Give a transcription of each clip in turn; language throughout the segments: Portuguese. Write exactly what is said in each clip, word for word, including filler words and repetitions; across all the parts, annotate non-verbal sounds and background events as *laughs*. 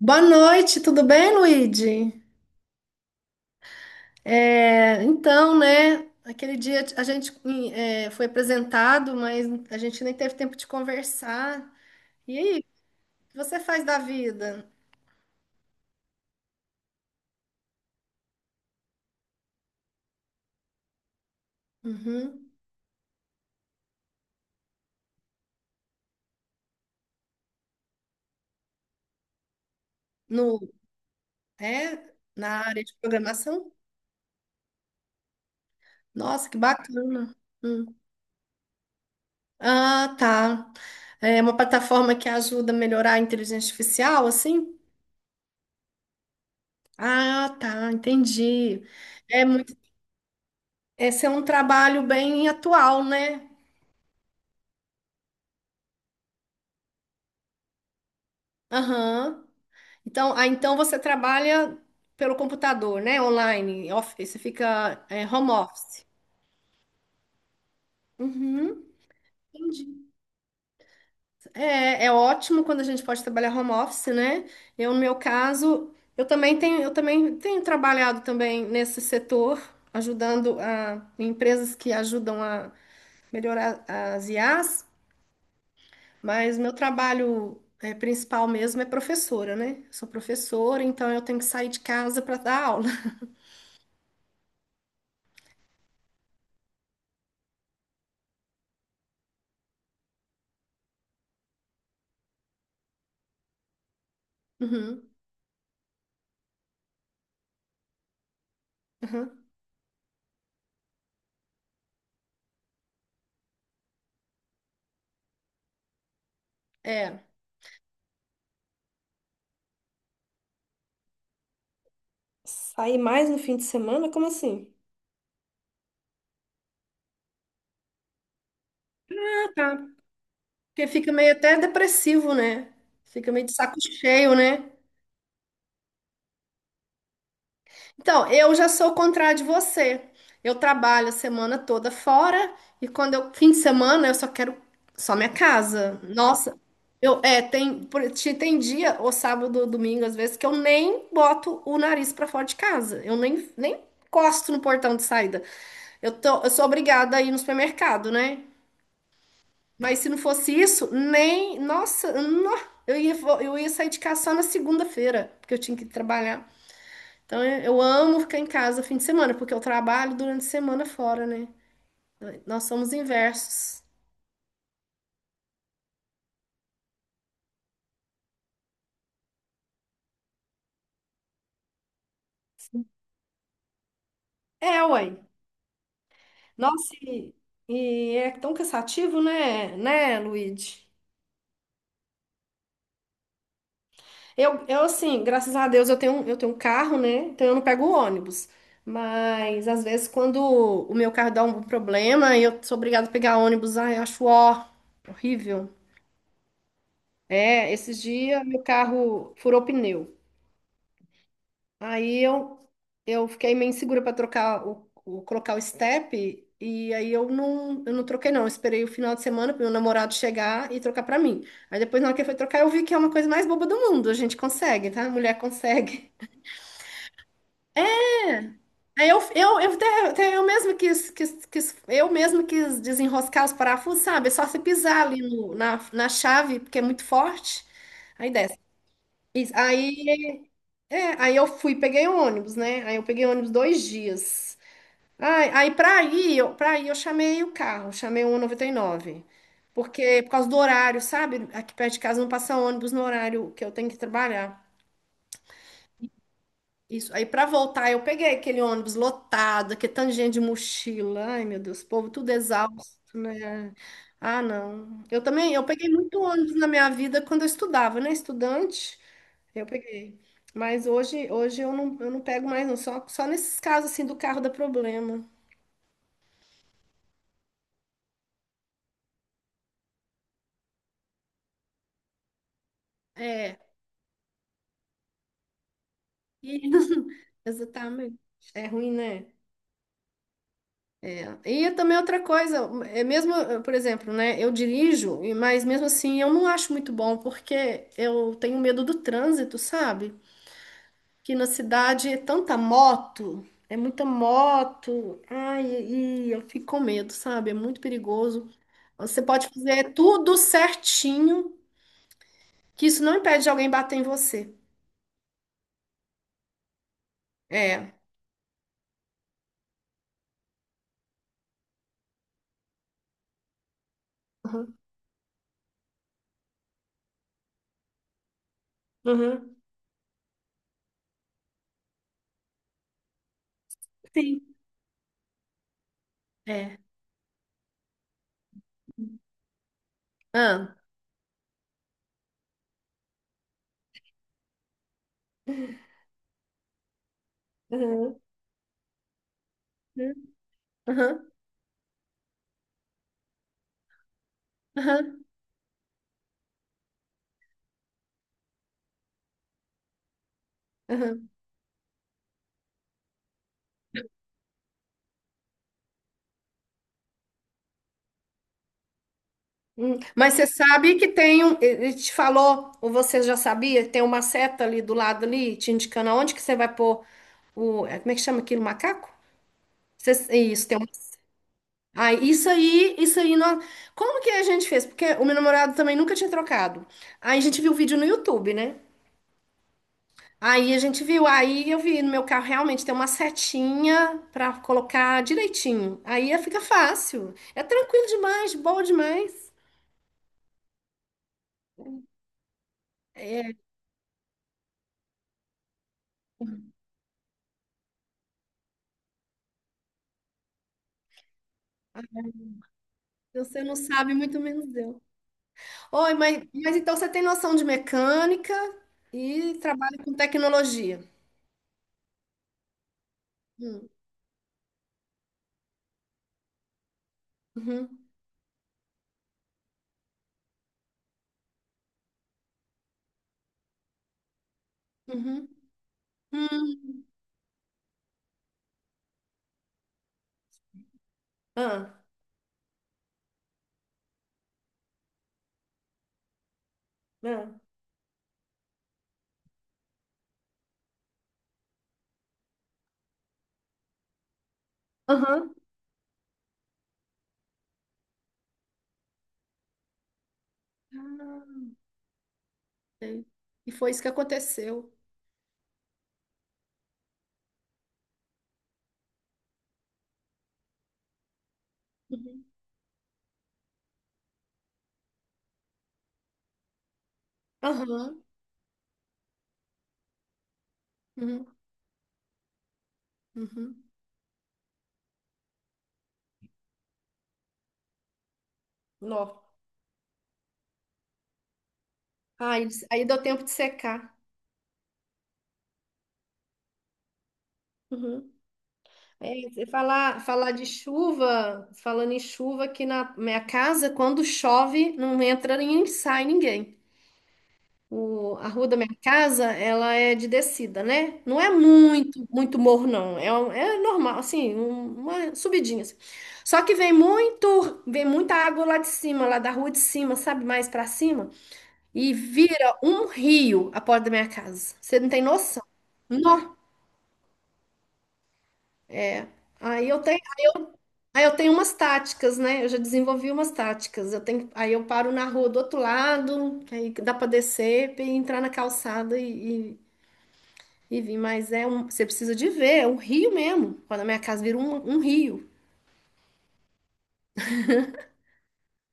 Boa noite, tudo bem, Luigi? É, então, né? Aquele dia a gente hum, é, foi apresentado, mas a gente nem teve tempo de conversar. E aí, o que você faz da vida? Uhum. No, é, Na área de programação? Nossa, que bacana. Hum. Ah, tá. É uma plataforma que ajuda a melhorar a inteligência artificial, assim? Ah, tá, entendi. É muito, Esse é um trabalho bem atual, né? Aham. Então, ah, então você trabalha pelo computador, né? Online, off, você fica é, home office. Uhum. Entendi. É, é ótimo quando a gente pode trabalhar home office, né? Eu, no meu caso, eu também tenho, eu também tenho trabalhado também nesse setor, ajudando a, em empresas que ajudam a melhorar as I As, mas meu trabalho é, principal mesmo é professora, né? Eu sou professora, então eu tenho que sair de casa para dar aula. *laughs* Uhum. Aham. É. Sair mais no fim de semana? Como assim? Ah, tá. Porque fica meio até depressivo, né? Fica meio de saco cheio, né? Então, eu já sou o contrário de você. Eu trabalho a semana toda fora e quando eu fim de semana eu só quero só minha casa. Nossa, eu é, tem por- te- tem dia ou sábado ou domingo às vezes que eu nem boto o nariz pra fora de casa. Eu nem nem encosto no portão de saída. Eu tô eu sou obrigada a ir no supermercado, né? Mas se não fosse isso, nem. Nossa, nó, eu ia, vo- eu ia sair de casa só na segunda-feira, porque eu tinha que trabalhar. Então eu eu amo ficar em casa fim de semana, porque eu trabalho durante a semana fora, né? Nós somos inversos. É, ué. Nossa, e, e é tão cansativo, né, né, Luigi? Eu, eu, assim, graças a Deus eu tenho, um, eu tenho um carro, né? Então eu não pego o ônibus. Mas às vezes quando o meu carro dá um problema e eu sou obrigada a pegar ônibus, ai, eu acho, ó, horrível. É, esses dias meu carro furou pneu. Aí eu, eu fiquei meio insegura para trocar o, o- colocar o step, e aí eu não, eu não troquei não. Eu esperei o final de semana para meu namorado chegar e trocar para mim. Aí depois na hora que ele foi trocar eu vi que é uma coisa mais boba do mundo. A gente consegue, tá? A mulher consegue. Aí eu, eu, eu, até, até eu mesmo quis, quis, quis- eu mesmo quis desenroscar os parafusos, sabe? É só você pisar ali no- na, na chave, porque é muito forte. Aí desce. Isso. Aí, é, aí eu fui, peguei o ônibus, né? Aí eu peguei o ônibus dois dias. Ai, aí pra ir, eu, pra ir eu chamei o carro, chamei o cento e noventa e nove. Porque, por causa do horário, sabe? Aqui perto de casa não passa ônibus no horário que eu tenho que trabalhar. Isso. Aí pra voltar, eu peguei aquele ônibus lotado, aquele tanto de gente de mochila. Ai, meu Deus, o povo tudo exausto, né? Ah, não. Eu também, eu peguei muito ônibus na minha vida quando eu estudava, né? Estudante, eu peguei. Mas hoje, hoje eu não, eu não pego mais, não. Só, só nesses casos assim do carro dá problema. É. E- *laughs* Exatamente. É ruim, né? E também outra coisa, é mesmo, eh, por exemplo, né, eu dirijo, e- mas mesmo assim eu não acho muito bom, porque eu tenho medo do trânsito, sabe? Que na cidade é tanta moto, é muita moto, ai, e e eu fico com medo, sabe? É muito perigoso. Você pode fazer tudo certinho, que isso não impede de alguém bater em você. É. Uhum. Uhum. Sim. É. Ah. Uhum. Uhum. Uhum. Uhum. Hum, mas você sabe que tem um, ele te falou, ou você já sabia, tem uma seta ali do lado ali, te indicando aonde que você vai pôr o, é, como é que chama aquilo, macaco? Você- isso, tem um, ah, isso aí, isso aí, nós, como que a gente fez? Porque o meu namorado também nunca tinha trocado. Aí a gente viu o vídeo no YouTube, né? Aí a gente viu, aí eu vi no meu carro realmente tem uma setinha pra colocar direitinho. Aí fica fácil, é tranquilo demais, boa demais. É, você não sabe, muito menos eu. Oi, mas, mas então você tem noção de mecânica e trabalha com tecnologia. Hum, Uhum, uhum, hum. Ah, ah, aham. Ah, sei. E foi isso que aconteceu. Uhum. Aham. Uhum. Uhum. Nó. Aí, aí deu tempo de secar. Uhum. É, você falar, falar de chuva, falando em chuva, aqui na minha casa, quando chove, não entra nem sai ninguém. O, a rua da minha casa, ela é de descida, né? Não é muito, muito morro, não. É, um- é normal, assim, um- uma subidinha assim. Só que vem muito, vem muita água lá de cima, lá da rua de cima, sabe? Mais pra cima. E vira um rio a porta da minha casa. Você não tem noção. Nó, é. Aí eu tenho, aí eu tenho umas táticas, né? Eu já desenvolvi umas táticas. Eu tenho, aí eu paro na rua do outro lado, aí dá pra descer e entrar na calçada e, Vivi, mas é um, você precisa de ver, é um rio mesmo. Quando a minha casa vira um, um rio.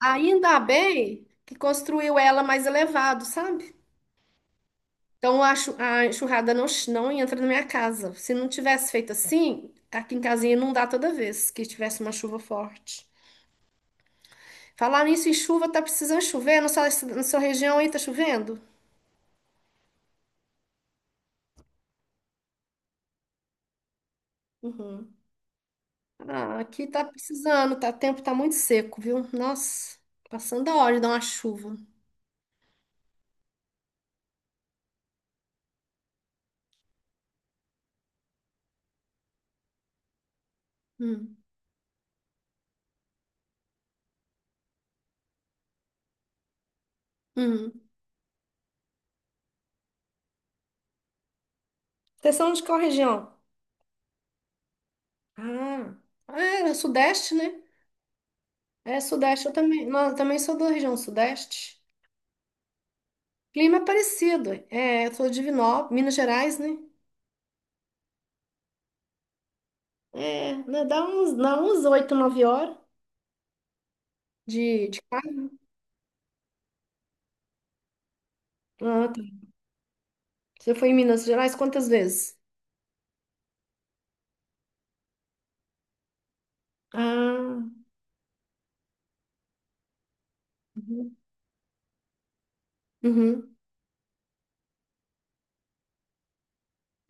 Ainda bem que construiu ela mais elevado, sabe? Então a, chu- a enxurrada não, ch- não entra na minha casa. Se não tivesse feito assim, aqui em casinha não dá toda vez que tivesse uma chuva forte. Falar nisso em chuva, tá precisando chover? Na sua, na sua região aí tá chovendo? Uhum. Ah, aqui tá precisando, tá, o tempo tá muito seco, viu? Nossa, passando a hora de dar uma chuva. Hum, hum. Vocês são de qual região? Ah, é, é Sudeste, né? É Sudeste, eu também, não, eu também sou da região Sudeste. Clima é parecido, é, eu sou de Divinópolis, Minas Gerais, né? É, né, dá uns, dá uns oito, nove horas de, de carro. Ah, tá. Você foi em Minas Gerais quantas vezes? Ah, uhum, uhum,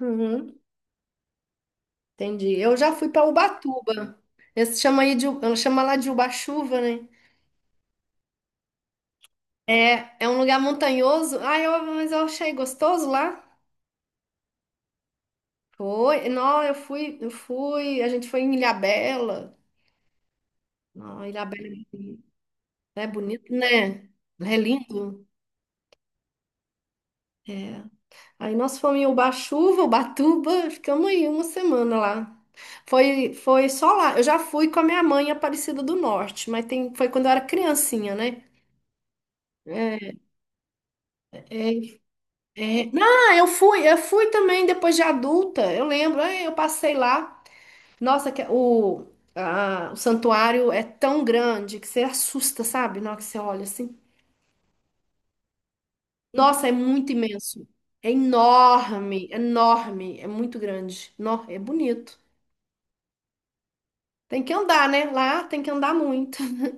uhum, entendi. Eu já fui para Ubatuba. Esse chama aí de, Uba- chama lá de Ubachuva, né? É, é um lugar montanhoso. Ah, eu, mas eu achei gostoso lá. Foi, não, eu fui, eu fui, a gente foi em Ilhabela. Não, Ilhabela é bonito, é bonito, né? É lindo. É. Aí nós fomos em Ubatuba, Ubatuba, ficamos aí uma semana lá. Foi, foi só lá. Eu já fui com a minha mãe em Aparecida do Norte, mas tem, foi quando eu era criancinha, né? É, é, é. Não, eu fui, eu fui também depois de adulta. Eu lembro, é, eu passei lá. Nossa, que- é o, a- o santuário é tão grande que você assusta, sabe? Na hora que você olha assim. Nossa, é muito imenso. É enorme, enorme, é muito grande. No- É bonito. Tem que andar, né? Lá tem que andar muito. *laughs*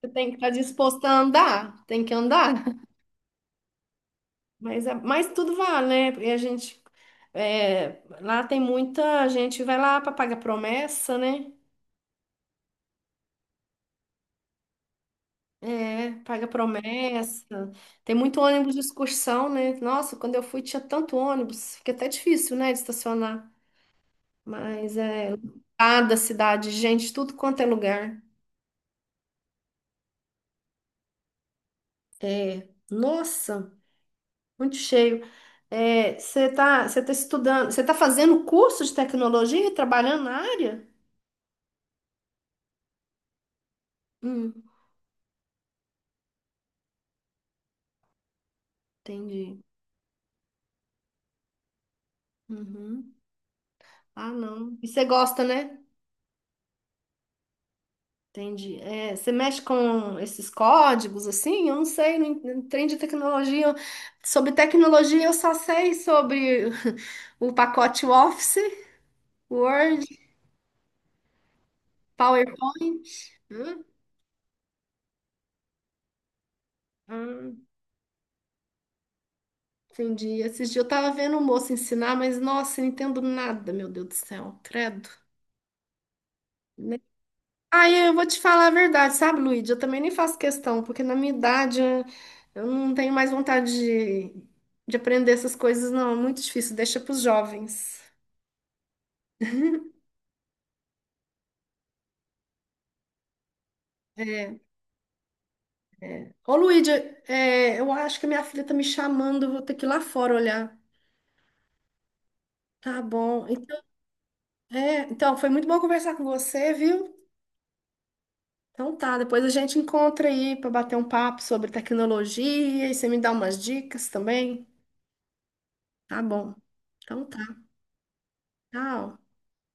Você tem que estar disposto a andar, tem que andar. *laughs* Mas, é, mas tudo vale, né? Porque a gente. é, lá tem muita gente, vai lá para pagar promessa, né? É, paga promessa. Tem muito ônibus de excursão, né? Nossa, quando eu fui tinha tanto ônibus, fica até difícil, né, de estacionar. Mas é lotada a cidade, gente, tudo quanto é lugar. É, nossa, muito cheio. É, você tá, você tá estudando, você tá fazendo curso de tecnologia e trabalhando na área? Hum, entendi. Uhum. Ah, não. E você gosta, né? Entendi. É, você mexe com esses códigos assim? Eu não sei, não en- trem de tecnologia. eu- Sobre tecnologia, eu só sei sobre *laughs* o pacote Office, Word, PowerPoint. Hum, hum, entendi. Esses dias eu tava vendo o moço ensinar, mas nossa, eu não entendo nada, meu Deus do céu, credo. Aí eu vou te falar a verdade, sabe, Luíde? Eu também nem faço questão, porque na minha idade eu eu não tenho mais vontade de, de aprender essas coisas, não. É muito difícil, deixa para os jovens. É. Ô, Luíde, é, eu acho que minha filha tá me chamando, eu vou ter que ir lá fora olhar. Tá bom. Então, é, então, foi muito bom conversar com você, viu? Então tá, depois a gente encontra aí para bater um papo sobre tecnologia e você me dá umas dicas também. Tá bom. Então tá. Tchau.